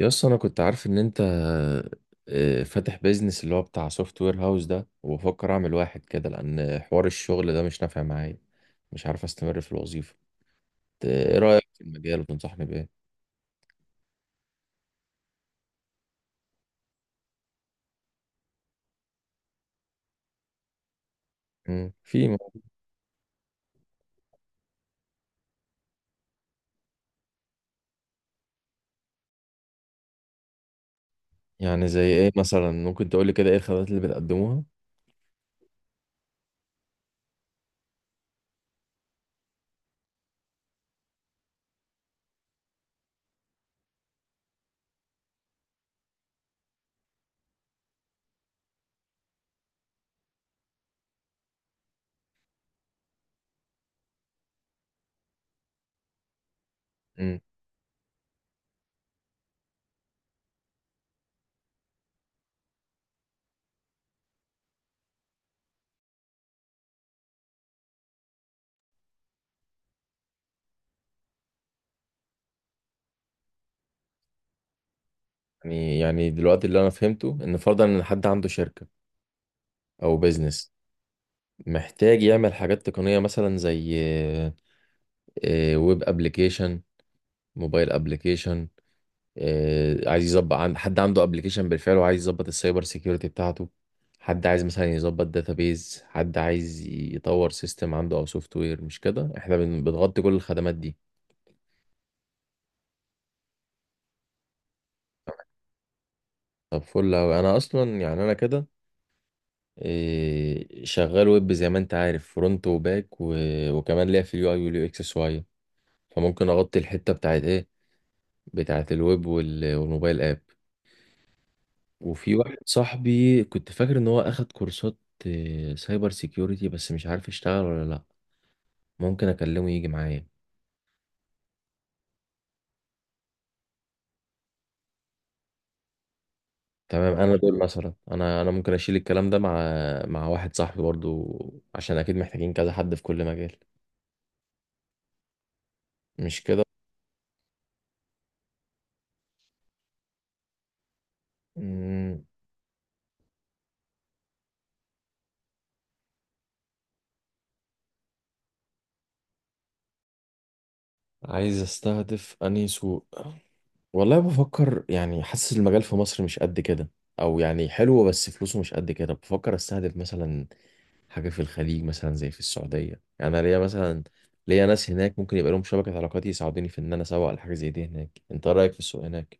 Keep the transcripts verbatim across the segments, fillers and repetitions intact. يا اسطى انا كنت عارف ان انت آه، فاتح بيزنس اللي هو بتاع سوفت وير هاوس ده، وبفكر اعمل واحد كده لان حوار الشغل ده مش نافع معايا، مش عارف استمر في الوظيفه. ت- ايه رايك في المجال وتنصحني بايه؟ مم. في م- يعني زي ايه مثلا؟ ممكن تقول لي كده ايه الخدمات اللي بتقدموها؟ مم. يعني يعني دلوقتي اللي انا فهمته ان فرضا ان حد عنده شركه او بيزنس، محتاج يعمل حاجات تقنيه مثلا زي ويب ابلكيشن، موبايل ابلكيشن، آه، عايز يظبط عند حد عنده ابلكيشن بالفعل وعايز يظبط السايبر سيكيورتي بتاعته، حد عايز مثلا يظبط داتابيز، حد عايز يطور سيستم عنده او سوفت وير. مش كده احنا بن- بنغطي كل الخدمات دي؟ طب فل أوي. أنا أصلا يعني أنا كده إيه، شغال ويب زي ما أنت عارف، فرونت وباك و... وكمان ليا في اليو أي واليو إكس شوية، فممكن أغطي الحتة بتاعت إيه بتاعت الويب وال... والموبايل آب. وفي واحد صاحبي كنت فاكر ان هو اخد كورسات آه، سايبر سيكيورتي، بس مش عارف يشتغل ولا لا. ممكن اكلمه يجي معايا. تمام، انا دول مثلا انا انا ممكن اشيل الكلام ده مع مع واحد صاحبي برضو، عشان اكيد محتاجين كذا حد في كل مجال، مش كده؟ مم، عايز استهدف انهي سوق؟ والله بفكر، يعني حاسس المجال في مصر مش قد كده، او يعني حلو بس فلوسه مش قد كده. بفكر استهدف مثلا حاجة في الخليج، مثلا زي في السعودية. يعني أنا ليا مثلا، ليا ناس هناك ممكن يبقى لهم شبكة علاقات يساعدوني في إن أنا أسوق لحاجة زي دي هناك. أنت رأيك في السوق هناك؟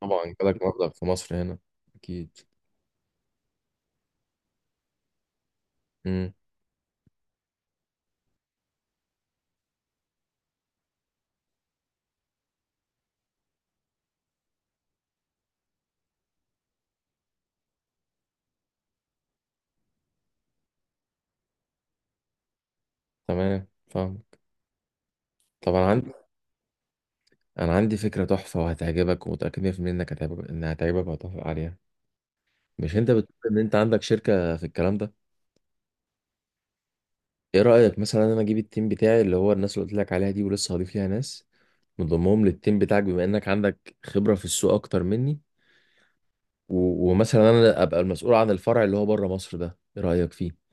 طبعا جالك مبلغ في مصر هنا، أكيد. امم، تمام فاهمك. طب أنا عندي أنا عندي فكرة تحفة وهتعجبك، ومتأكد مية بالمية إنك هتعجبك، إنها هتعجبك وهتوافق عليها. مش أنت بتقول إن أنت عندك شركة في الكلام ده؟ إيه رأيك مثلا أنا أجيب التيم بتاعي، اللي هو الناس اللي قلت لك عليها دي، ولسه هضيف ليها ناس، نضمهم للتيم بتاعك، بما إنك عندك خبرة في السوق أكتر مني، و- ومثلا انا ابقى المسؤول عن الفرع اللي هو بره مصر ده. ايه رايك فيه؟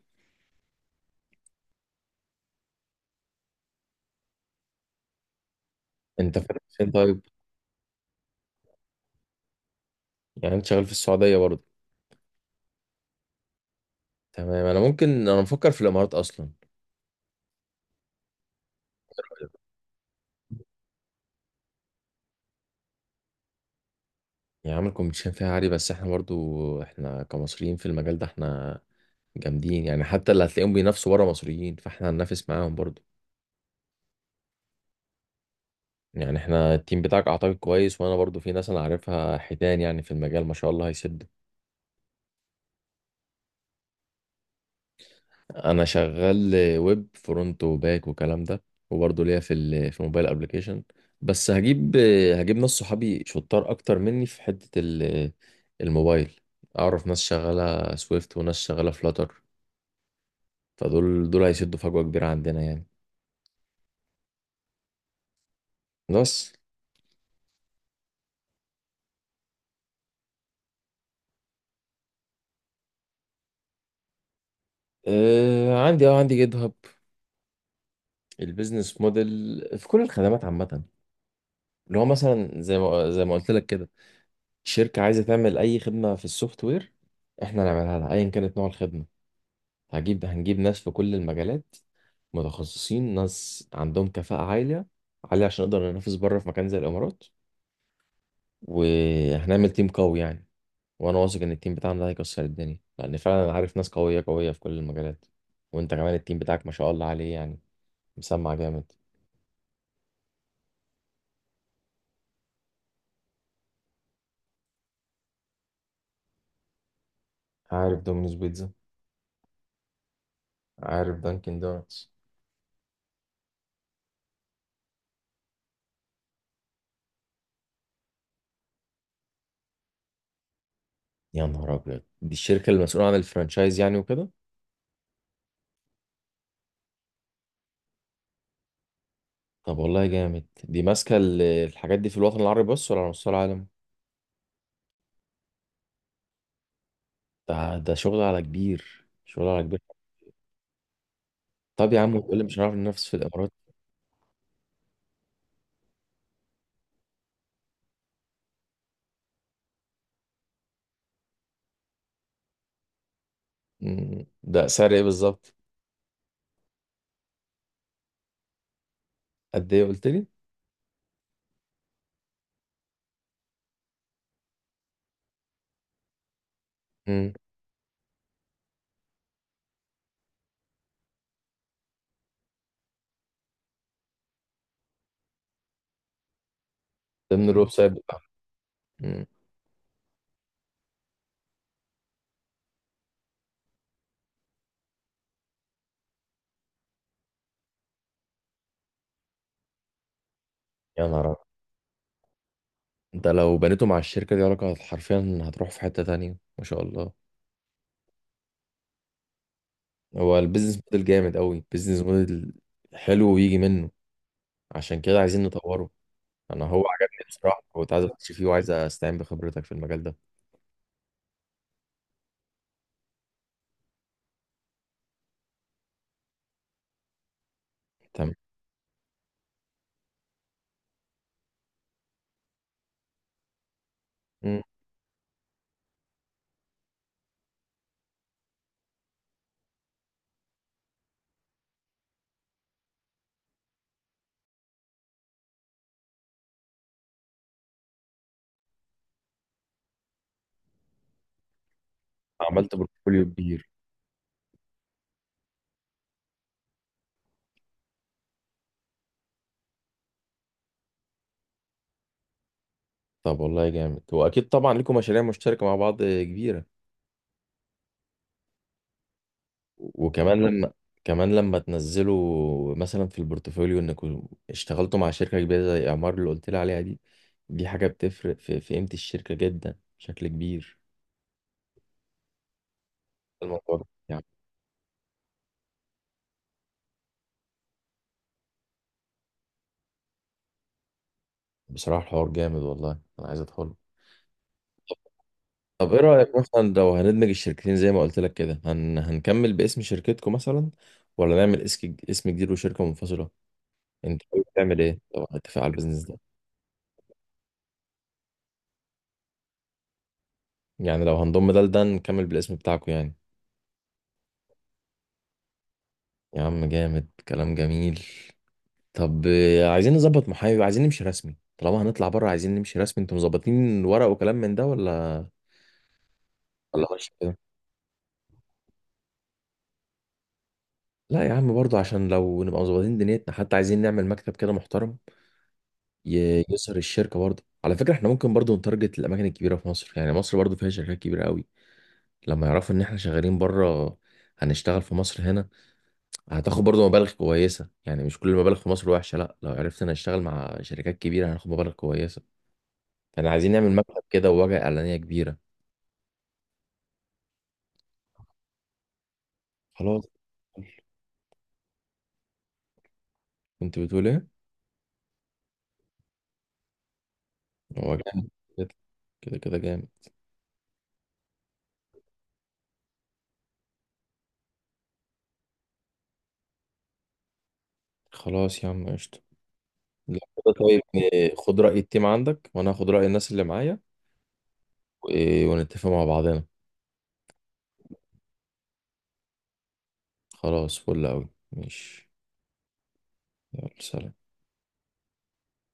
انت فين فين طيب؟ يعني انت شغال في السعوديه برضه؟ تمام، انا ممكن، انا مفكر في الامارات اصلا. يعني عامل كومبيتيشن فيها عالي، بس احنا برضه، احنا كمصريين في المجال ده احنا جامدين يعني. حتى اللي هتلاقيهم بينافسوا بره مصريين، فاحنا هننافس معاهم برضه. يعني احنا التيم بتاعك اعتقد كويس، وانا برضه في ناس انا عارفها حيتان يعني في المجال، ما شاء الله، هيسد. انا شغال ويب، فرونت وباك وكلام ده، وبرضه ليا في ال في موبايل ابلكيشن. بس هجيب هجيب ناس صحابي شطار اكتر مني في حتة ال- الموبايل. اعرف ناس شغالة سويفت وناس شغالة فلاتر، فدول دول هيسدوا فجوة كبيرة عندنا يعني. بس آه عندي اه عندي جيت هاب. البيزنس موديل في كل الخدمات عامة، اللي هو مثلا زي ما زي ما قلت لك كده، شركة عايزة تعمل أي خدمة في السوفت وير، احنا نعملها لها أيا كانت نوع الخدمة. هجيب، هنجيب ناس في كل المجالات، متخصصين، ناس عندهم كفاءة عالية عالية عشان نقدر ننافس بره في مكان زي الإمارات، وهنعمل تيم قوي يعني. وأنا واثق إن التيم بتاعنا ده هيكسر الدنيا، لأن فعلا أنا عارف ناس قوية قوية في كل المجالات. وأنت كمان التيم بتاعك ما شاء الله عليه يعني، مسمع جامد. عارف دومينوز بيتزا. عارف دانكن دونتس. يا نهار أبيض، دي الشركة المسؤولة عن الفرانشايز يعني وكده؟ طب والله جامد. دي ماسكة ال- الحاجات دي في الوطن العربي بس ولا على مستوى العالم؟ ده ده شغل على كبير، شغل على كبير. طب يا عم، وتقول لي مش هنعرف ننافس في الامارات؟ مم. ده سعر ايه بالظبط؟ قد ايه قلت لي؟ مم. ضمن الويب سايت بتاعهم؟ مم. يا نهار أبيض. انت لو بنيته مع الشركه دي علاقه، حرفيا هتروح في حته تانية ما شاء الله. هو البيزنس موديل جامد قوي. بيزنس موديل حلو ويجي منه، عشان كده عايزين نطوره. انا هو عجبني بصراحه، كنت عايز اخش فيه، وعايز استعين بخبرتك في المجال ده. تمام. مم. عملت بورتفوليو كبير. طب والله جامد. واكيد طبعا لكم مشاريع مشتركه مع بعض كبيره. وكمان لما، كمان لما تنزلوا مثلا في البورتفوليو انكم اشتغلتوا مع شركه كبيره زي اعمار اللي قلت لي عليها دي، دي حاجه بتفرق في, في قيمه الشركه جدا بشكل كبير. الموضوع ده يعني بصراحه الحوار جامد والله، انا عايز ادخله. طب ايه رايك مثلا لو هندمج الشركتين زي ما قلت لك كده، هن... هنكمل باسم شركتكم مثلا، ولا نعمل اسك- اسم جديد وشركه منفصله؟ انت حابب تعمل ايه؟ طبعا اتفق على البيزنس ده. يعني لو هنضم ده لده نكمل بالاسم بتاعكم يعني. يا عم جامد، كلام جميل. طب آه، عايزين نظبط محايو، عايزين نمشي رسمي. طالما هنطلع بره عايزين نمشي رسمي. انتوا مظبطين ورق وكلام من ده ولا ولا ماشي كده؟ لا يا عم برضه، عشان لو نبقى مظبطين دنيتنا، حتى عايزين نعمل مكتب كده محترم، ي- يسر الشركه برضه. على فكره احنا ممكن برضه نتارجت الاماكن الكبيره في مصر، يعني مصر برضه فيها شركات كبيره قوي. لما يعرفوا ان احنا شغالين بره، هنشتغل في مصر هنا، هتاخد برضو مبالغ كويسة يعني. مش كل المبالغ في مصر وحشة، لا، لو عرفت انا اشتغل مع شركات كبيرة هناخد مبالغ كويسة. فاحنا عايزين نعمل مكتب كده وواجهة اعلانية كبيرة. خلاص. كنت بتقول ايه؟ هو جامد. كده كده كده جامد. خلاص يا عم قشطة. لا كده طيب، إيه، خد رأي التيم عندك، وانا هاخد رأي الناس اللي معايا، و- ونتفق مع بعضنا. خلاص فل اوي، ماشي. يلا سلام.